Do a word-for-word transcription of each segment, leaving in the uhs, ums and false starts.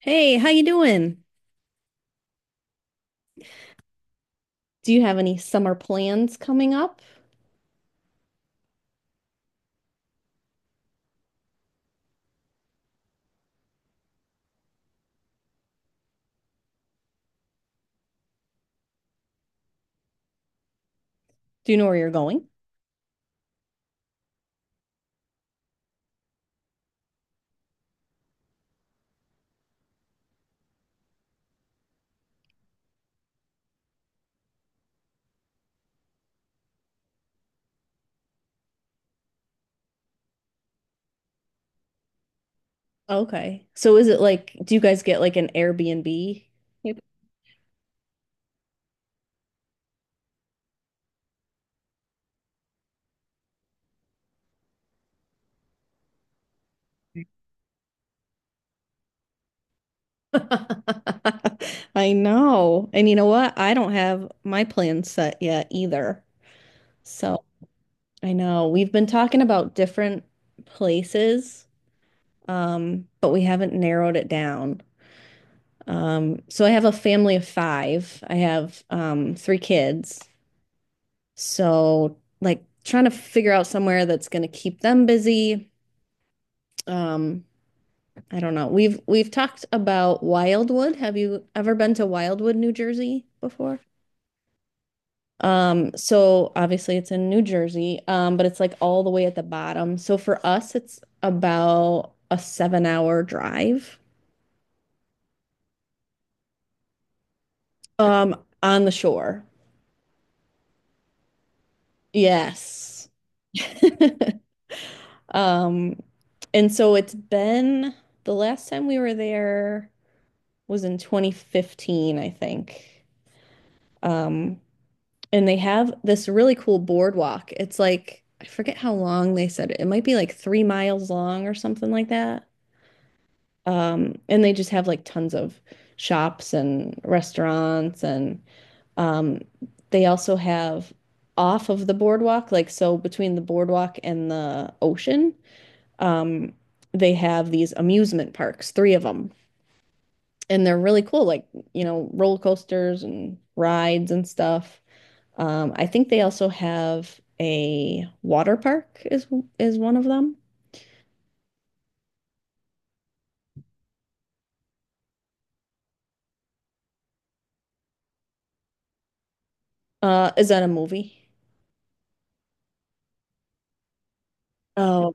Hey, how you doing? Do you have any summer plans coming up? Do you know where you're going? Okay. So is it like, do you guys get like an Airbnb? Yep. I know. And you know what? I don't have my plans set yet either. So I know we've been talking about different places, um, but we haven't narrowed it down. Um, so I have a family of five. I have um, three kids. So like trying to figure out somewhere that's going to keep them busy. Um, I don't know. We've we've talked about Wildwood. Have you ever been to Wildwood, New Jersey before? Um, so obviously it's in New Jersey, um, but it's like all the way at the bottom. So for us, it's about a seven hour drive, um, on the shore. Yes. Um, and so it's been, the last time we were there was in twenty fifteen, I think. Um, and they have this really cool boardwalk. It's like, I forget how long they said it. It might be like three miles long or something like that. Um, and they just have like tons of shops and restaurants. And um, they also have off of the boardwalk, like so between the boardwalk and the ocean um, they have these amusement parks, three of them, and they're really cool, like, you know, roller coasters and rides and stuff. Um, I think they also have a water park is is one of them. Uh, is that a movie? Oh,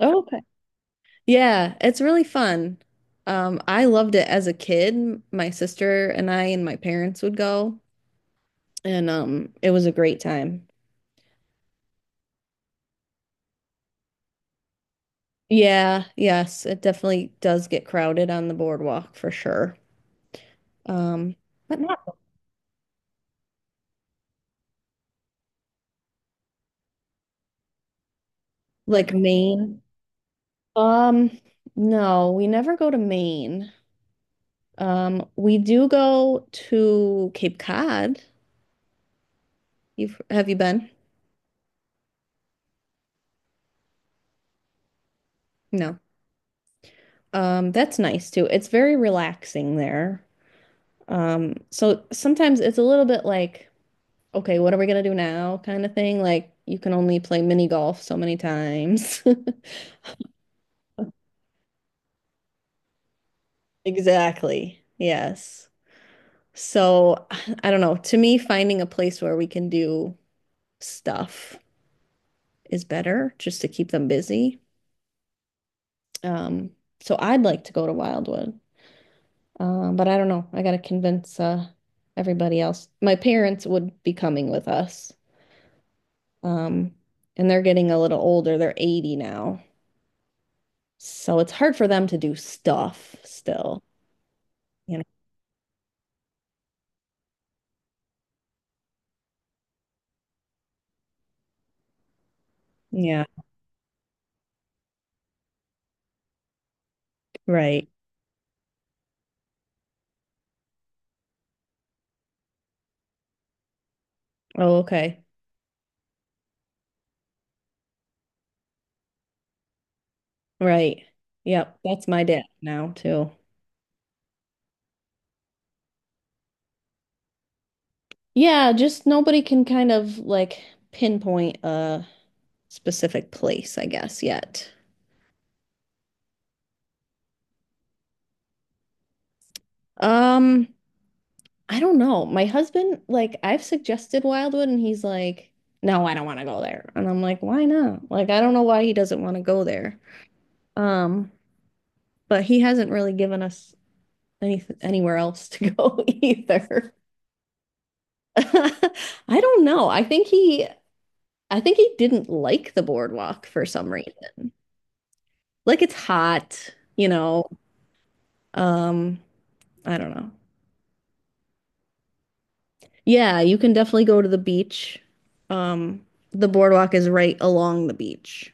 oh, okay. Yeah, it's really fun. Um, I loved it as a kid. My sister and I and my parents would go, and um, it was a great time. Yeah, yes, it definitely does get crowded on the boardwalk for sure. Um, but not like Maine. Um, no, we never go to Maine. Um, we do go to Cape Cod. You've have you been? No. Um, that's nice too. It's very relaxing there. Um, so sometimes it's a little bit like, okay, what are we gonna do now kind of thing. Like you can only play mini golf so many times. Exactly. Yes. So I don't know. To me, finding a place where we can do stuff is better just to keep them busy. Um, so I'd like to go to Wildwood. Um, but I don't know. I gotta convince uh everybody else. My parents would be coming with us. Um, and they're getting a little older. They're eighty now. So it's hard for them to do stuff still, you know. Yeah, right. Oh, okay. Right. Yep. That's my dad now too. Yeah, just nobody can kind of like pinpoint a specific place, I guess, yet. Um, I don't know. My husband, like, I've suggested Wildwood and he's like, no, I don't want to go there. And I'm like, why not? Like, I don't know why he doesn't want to go there. Um, but he hasn't really given us any anywhere else to go either. I don't know. I think he I think he didn't like the boardwalk for some reason. Like it's hot, you know. Um, I don't know. Yeah, you can definitely go to the beach. Um, the boardwalk is right along the beach.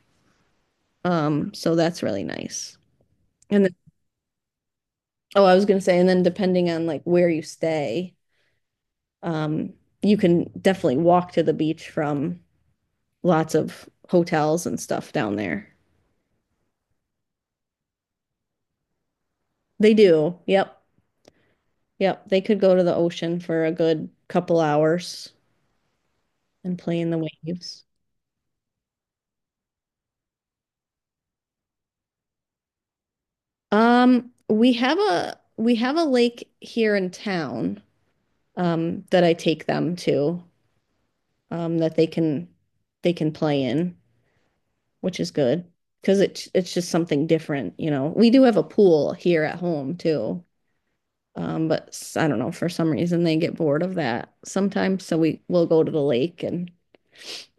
Um, so that's really nice. And then, oh, I was gonna say, and then depending on like where you stay, um, you can definitely walk to the beach from lots of hotels and stuff down there. They do. Yep. Yep. They could go to the ocean for a good couple hours and play in the waves. Um, we have a we have a lake here in town. um, that I take them to, um, that they can they can play in, which is good because it it's just something different, you know. We do have a pool here at home too, um, but I I don't know for some reason they get bored of that sometimes, so we will go to the lake and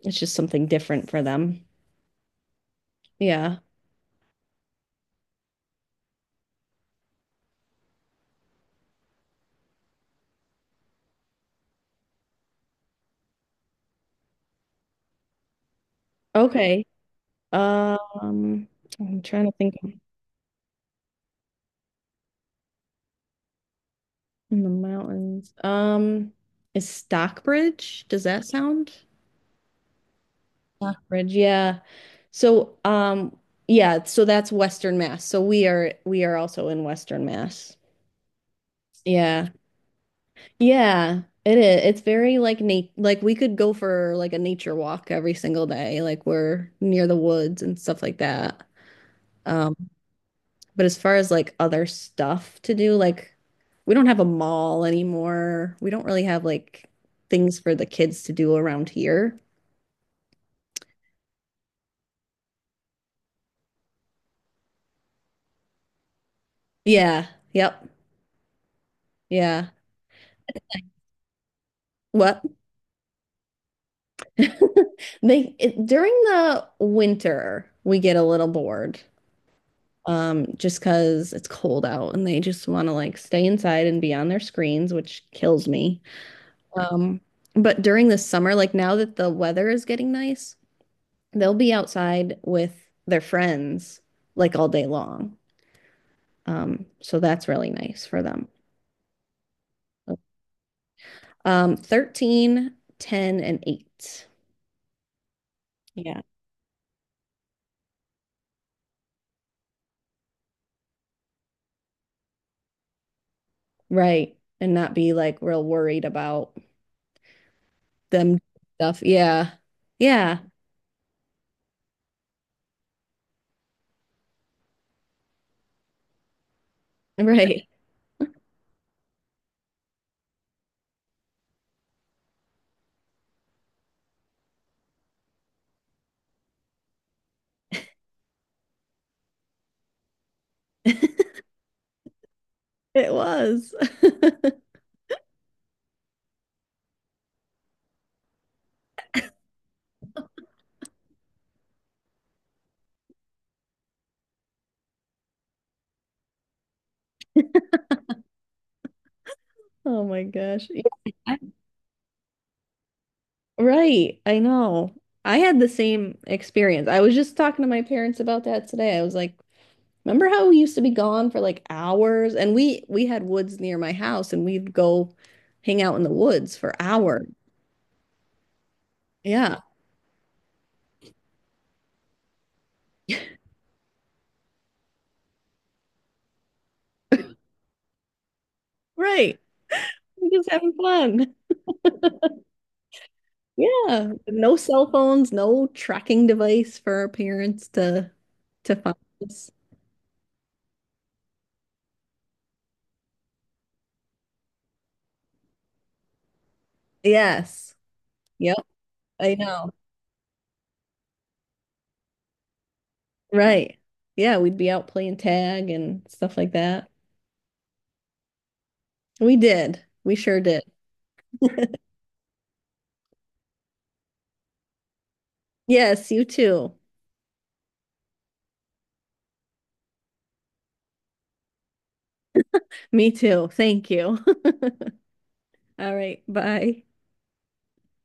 it's just something different for them. Yeah. Okay. Um, I'm trying to think of in the mountains. Um, is Stockbridge? Does that sound? Rockbridge, yeah. So, um, yeah, so that's Western Mass. So we are we are also in Western Mass. Yeah. Yeah, it is. It's very like nat like we could go for like a nature walk every single day. Like we're near the woods and stuff like that. Um, but as far as like other stuff to do, like we don't have a mall anymore. We don't really have like things for the kids to do around here. Yeah. Yep. Yeah. What? They it, during the winter we get a little bored, um, just because it's cold out and they just want to like stay inside and be on their screens, which kills me. Um, but during the summer, like now that the weather is getting nice, they'll be outside with their friends like all day long. Um, so that's really nice for them. Um, thirteen, ten, and eight. Yeah. Right. And not be like real worried about them do stuff. Yeah. Yeah. Right. It was. Oh my gosh. Yeah. I- Right. I know. I had the same experience. I was just talking to my parents about that today. I was like, remember how we used to be gone for like hours? And we we had woods near my house and we'd go hang out in the woods for hours. Yeah. Right. We're just having fun. Yeah. No cell phones, no tracking device for our parents to to find us. Yes. Yep, I know. Right. Yeah, we'd be out playing tag and stuff like that. We did. We sure did. Yes, you too. Me too. Thank you. All right. Bye.